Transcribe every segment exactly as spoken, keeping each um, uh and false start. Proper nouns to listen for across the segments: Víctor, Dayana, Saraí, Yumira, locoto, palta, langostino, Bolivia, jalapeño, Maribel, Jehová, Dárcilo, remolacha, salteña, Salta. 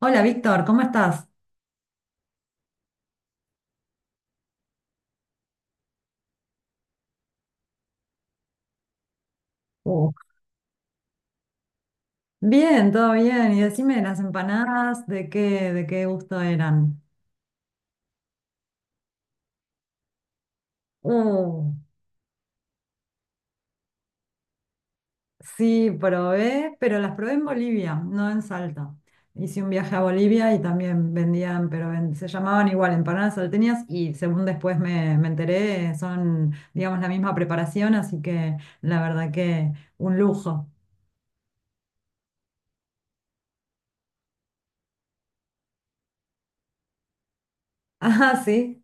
Hola Víctor, ¿cómo estás? Oh, bien, todo bien. Y decime las empanadas, ¿de qué, de qué gusto eran? Oh, sí, probé, pero las probé en Bolivia, no en Salta. Hice un viaje a Bolivia y también vendían, pero ven- se llamaban igual empanadas salteñas y según después me, me enteré, son, digamos, la misma preparación, así que la verdad que un lujo. Ah, sí.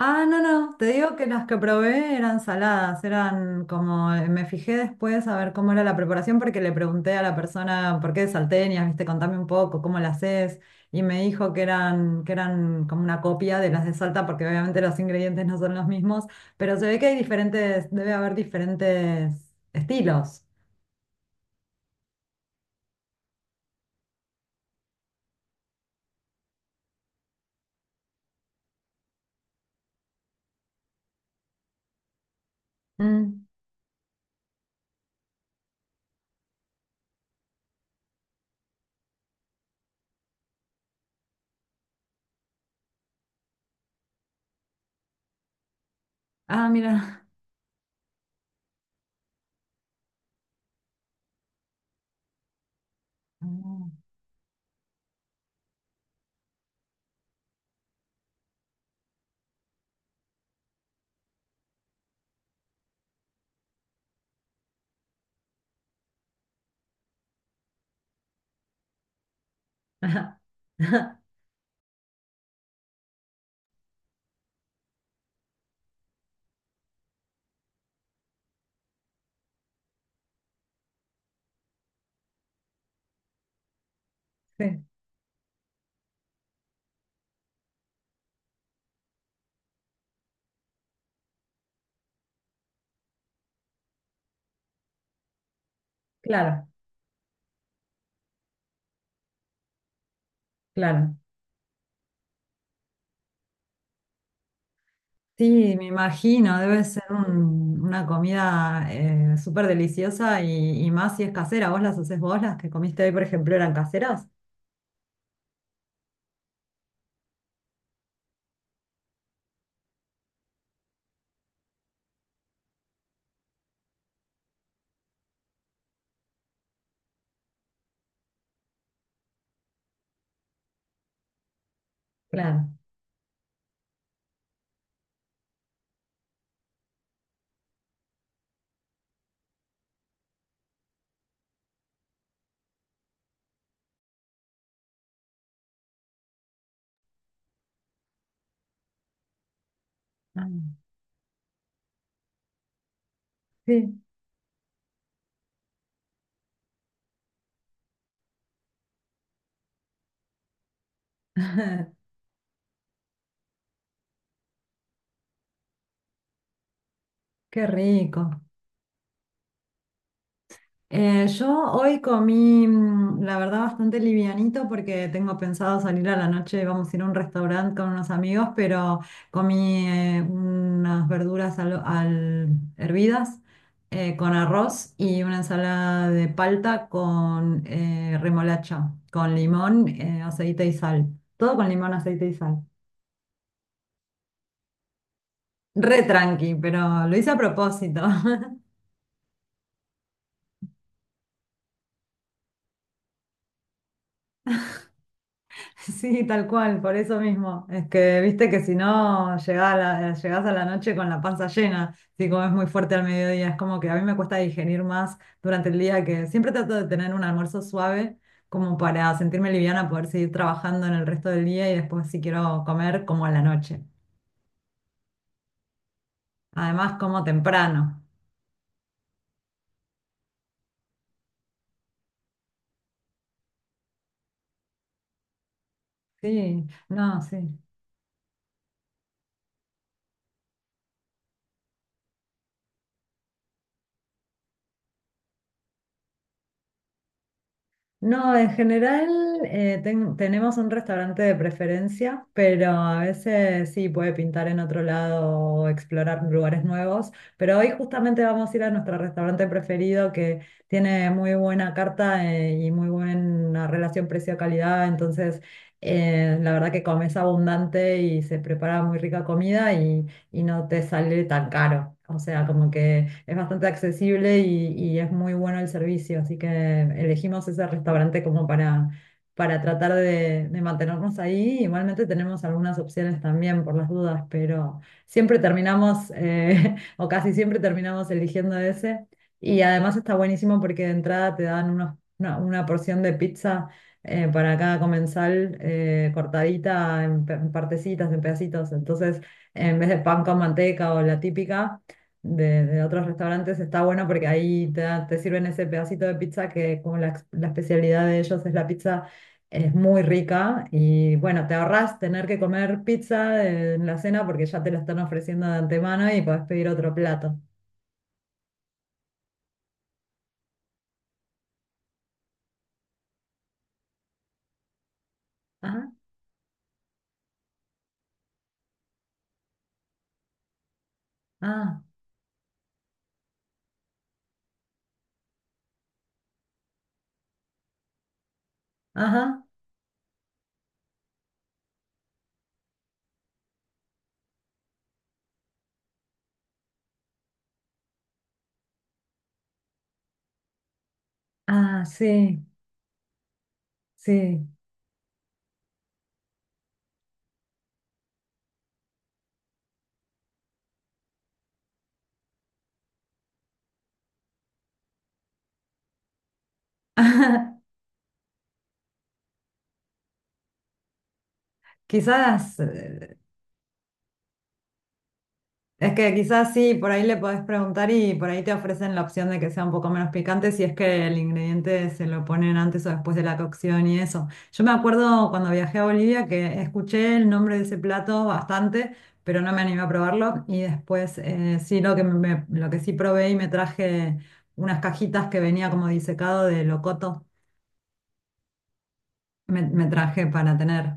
Ah, no, no, te digo que las que probé eran saladas, eran como, eh, me fijé después a ver cómo era la preparación porque le pregunté a la persona, ¿por qué de salteñas? Viste, contame un poco, ¿cómo las haces? Y me dijo que eran, que eran como una copia de las de Salta porque obviamente los ingredientes no son los mismos, pero se ve que hay diferentes, debe haber diferentes estilos. Mm. Ah, mira. Ah. Sí, claro, claro. Sí, me imagino, debe ser un- una comida eh, súper deliciosa y, y más si es casera. ¿Vos las haces vos? Las que comiste hoy, por ejemplo, eran caseras. Claro. Ah, sí, qué rico. Eh, yo hoy comí, mm, la verdad, bastante livianito porque tengo pensado salir a la noche, vamos a ir a un restaurante con unos amigos, pero comí eh, unas verduras al, al- hervidas eh, con arroz y una ensalada de palta con eh, remolacha, con limón, eh, aceite y sal. Todo con limón, aceite y sal. Re tranqui, pero lo hice a propósito. Sí, tal cual, por eso mismo. Es que viste que si no llegás a la, llegás a la noche con la panza llena, si comes muy fuerte al mediodía, es como que a mí me cuesta digerir más durante el día, que siempre trato de tener un almuerzo suave como para sentirme liviana, poder seguir trabajando en el resto del día y después si quiero comer como a la noche. Además, como temprano. Sí, no, sí. No, en general eh, ten- tenemos un restaurante de preferencia, pero a veces sí puede pintar en otro lado o explorar lugares nuevos. Pero hoy justamente vamos a ir a nuestro restaurante preferido que tiene muy buena carta eh, y muy buena relación precio-calidad. Entonces, eh, la verdad que comes abundante y se prepara muy rica comida y no te sale tan caro. O sea, como que es bastante accesible y, y es muy bueno el servicio. Así que elegimos ese restaurante como para, para tratar de, de mantenernos ahí. Igualmente tenemos algunas opciones también por las dudas, pero siempre terminamos, eh, o casi siempre terminamos eligiendo ese. Y además está buenísimo porque de entrada te dan unos- una, una porción de pizza eh, para cada comensal eh, cortadita en, pe- en partecitas, en pedacitos. Entonces en vez de pan con manteca o la típica de, de otros restaurantes, está bueno porque ahí te, da- te sirven ese pedacito de pizza que como la, ex- la especialidad de ellos es la pizza, es muy rica y bueno, te ahorras tener que comer pizza en la cena porque ya te la están ofreciendo de antemano y podés pedir otro plato. Ajá, ah, ajá, ah, sí, sí. Quizás eh, Es que quizás sí, por ahí le podés preguntar y por ahí te ofrecen la opción de que sea un poco menos picante si es que el ingrediente se lo ponen antes o después de la cocción y eso. Yo me acuerdo cuando viajé a Bolivia que escuché el nombre de ese plato bastante, pero no me animé a probarlo y después eh, sí lo que me- lo que sí probé y me traje unas cajitas que venía como disecado de locoto, me, me traje para tener.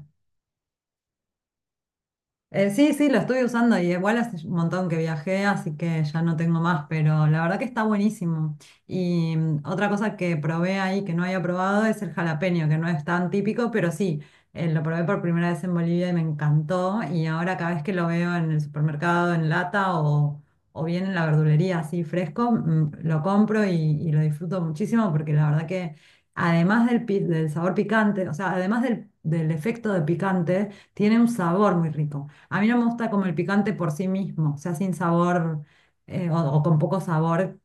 Eh, sí, sí, lo estoy usando y igual hace un montón que viajé, así que ya no tengo más, pero la verdad que está buenísimo. Y mm, otra cosa que probé ahí que no había probado es el jalapeño, que no es tan típico, pero sí, eh, lo probé por primera vez en Bolivia y me encantó. Y ahora cada vez que lo veo en el supermercado, en lata o, o bien en la verdulería así fresco, mm, lo compro y, y lo disfruto muchísimo porque la verdad que además del, pi- del sabor picante, o sea, además del del efecto de picante, tiene un sabor muy rico. A mí no me gusta como el picante por sí mismo, o sea, sin sabor eh, o, o con poco sabor.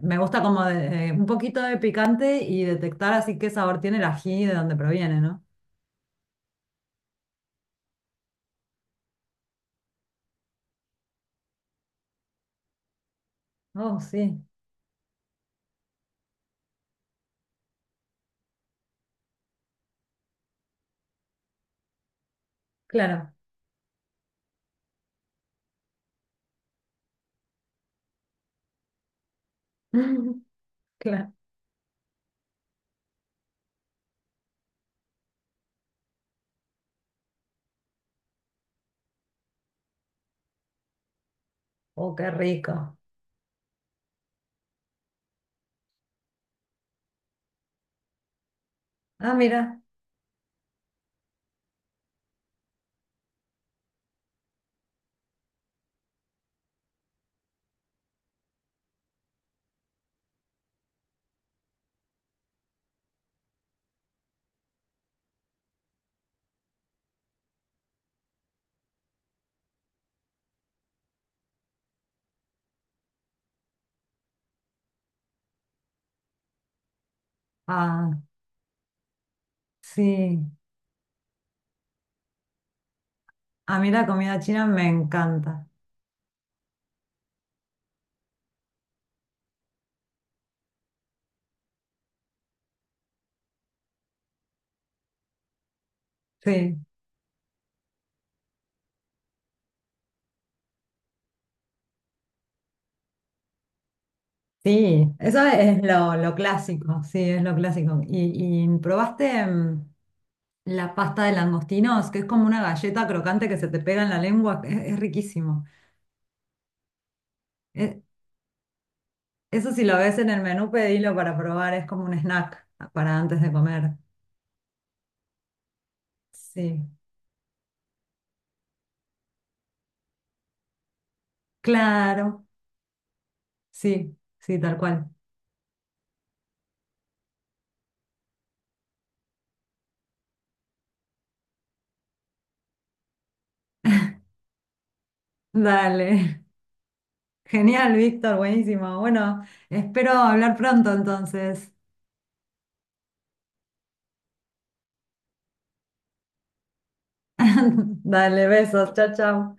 Me gusta como de- eh, un poquito de picante y detectar así qué sabor tiene el ají y de dónde proviene, ¿no? Oh, sí, claro. Claro. Oh, qué rico. Ah, mira. Ah, sí. A mí la comida china me encanta. Sí. Sí, eso es lo, lo clásico, sí, es lo clásico. ¿Y, y probaste? Mm, la pasta de langostinos, que es como una galleta crocante que se te pega en la lengua, es, es riquísimo. Eh, eso si lo ves en el menú, pedilo para probar, es como un snack para antes de comer. Sí, claro, sí, sí, tal cual. Dale, genial, Víctor, buenísimo. Bueno, espero hablar pronto entonces. Dale, besos, chao, chao.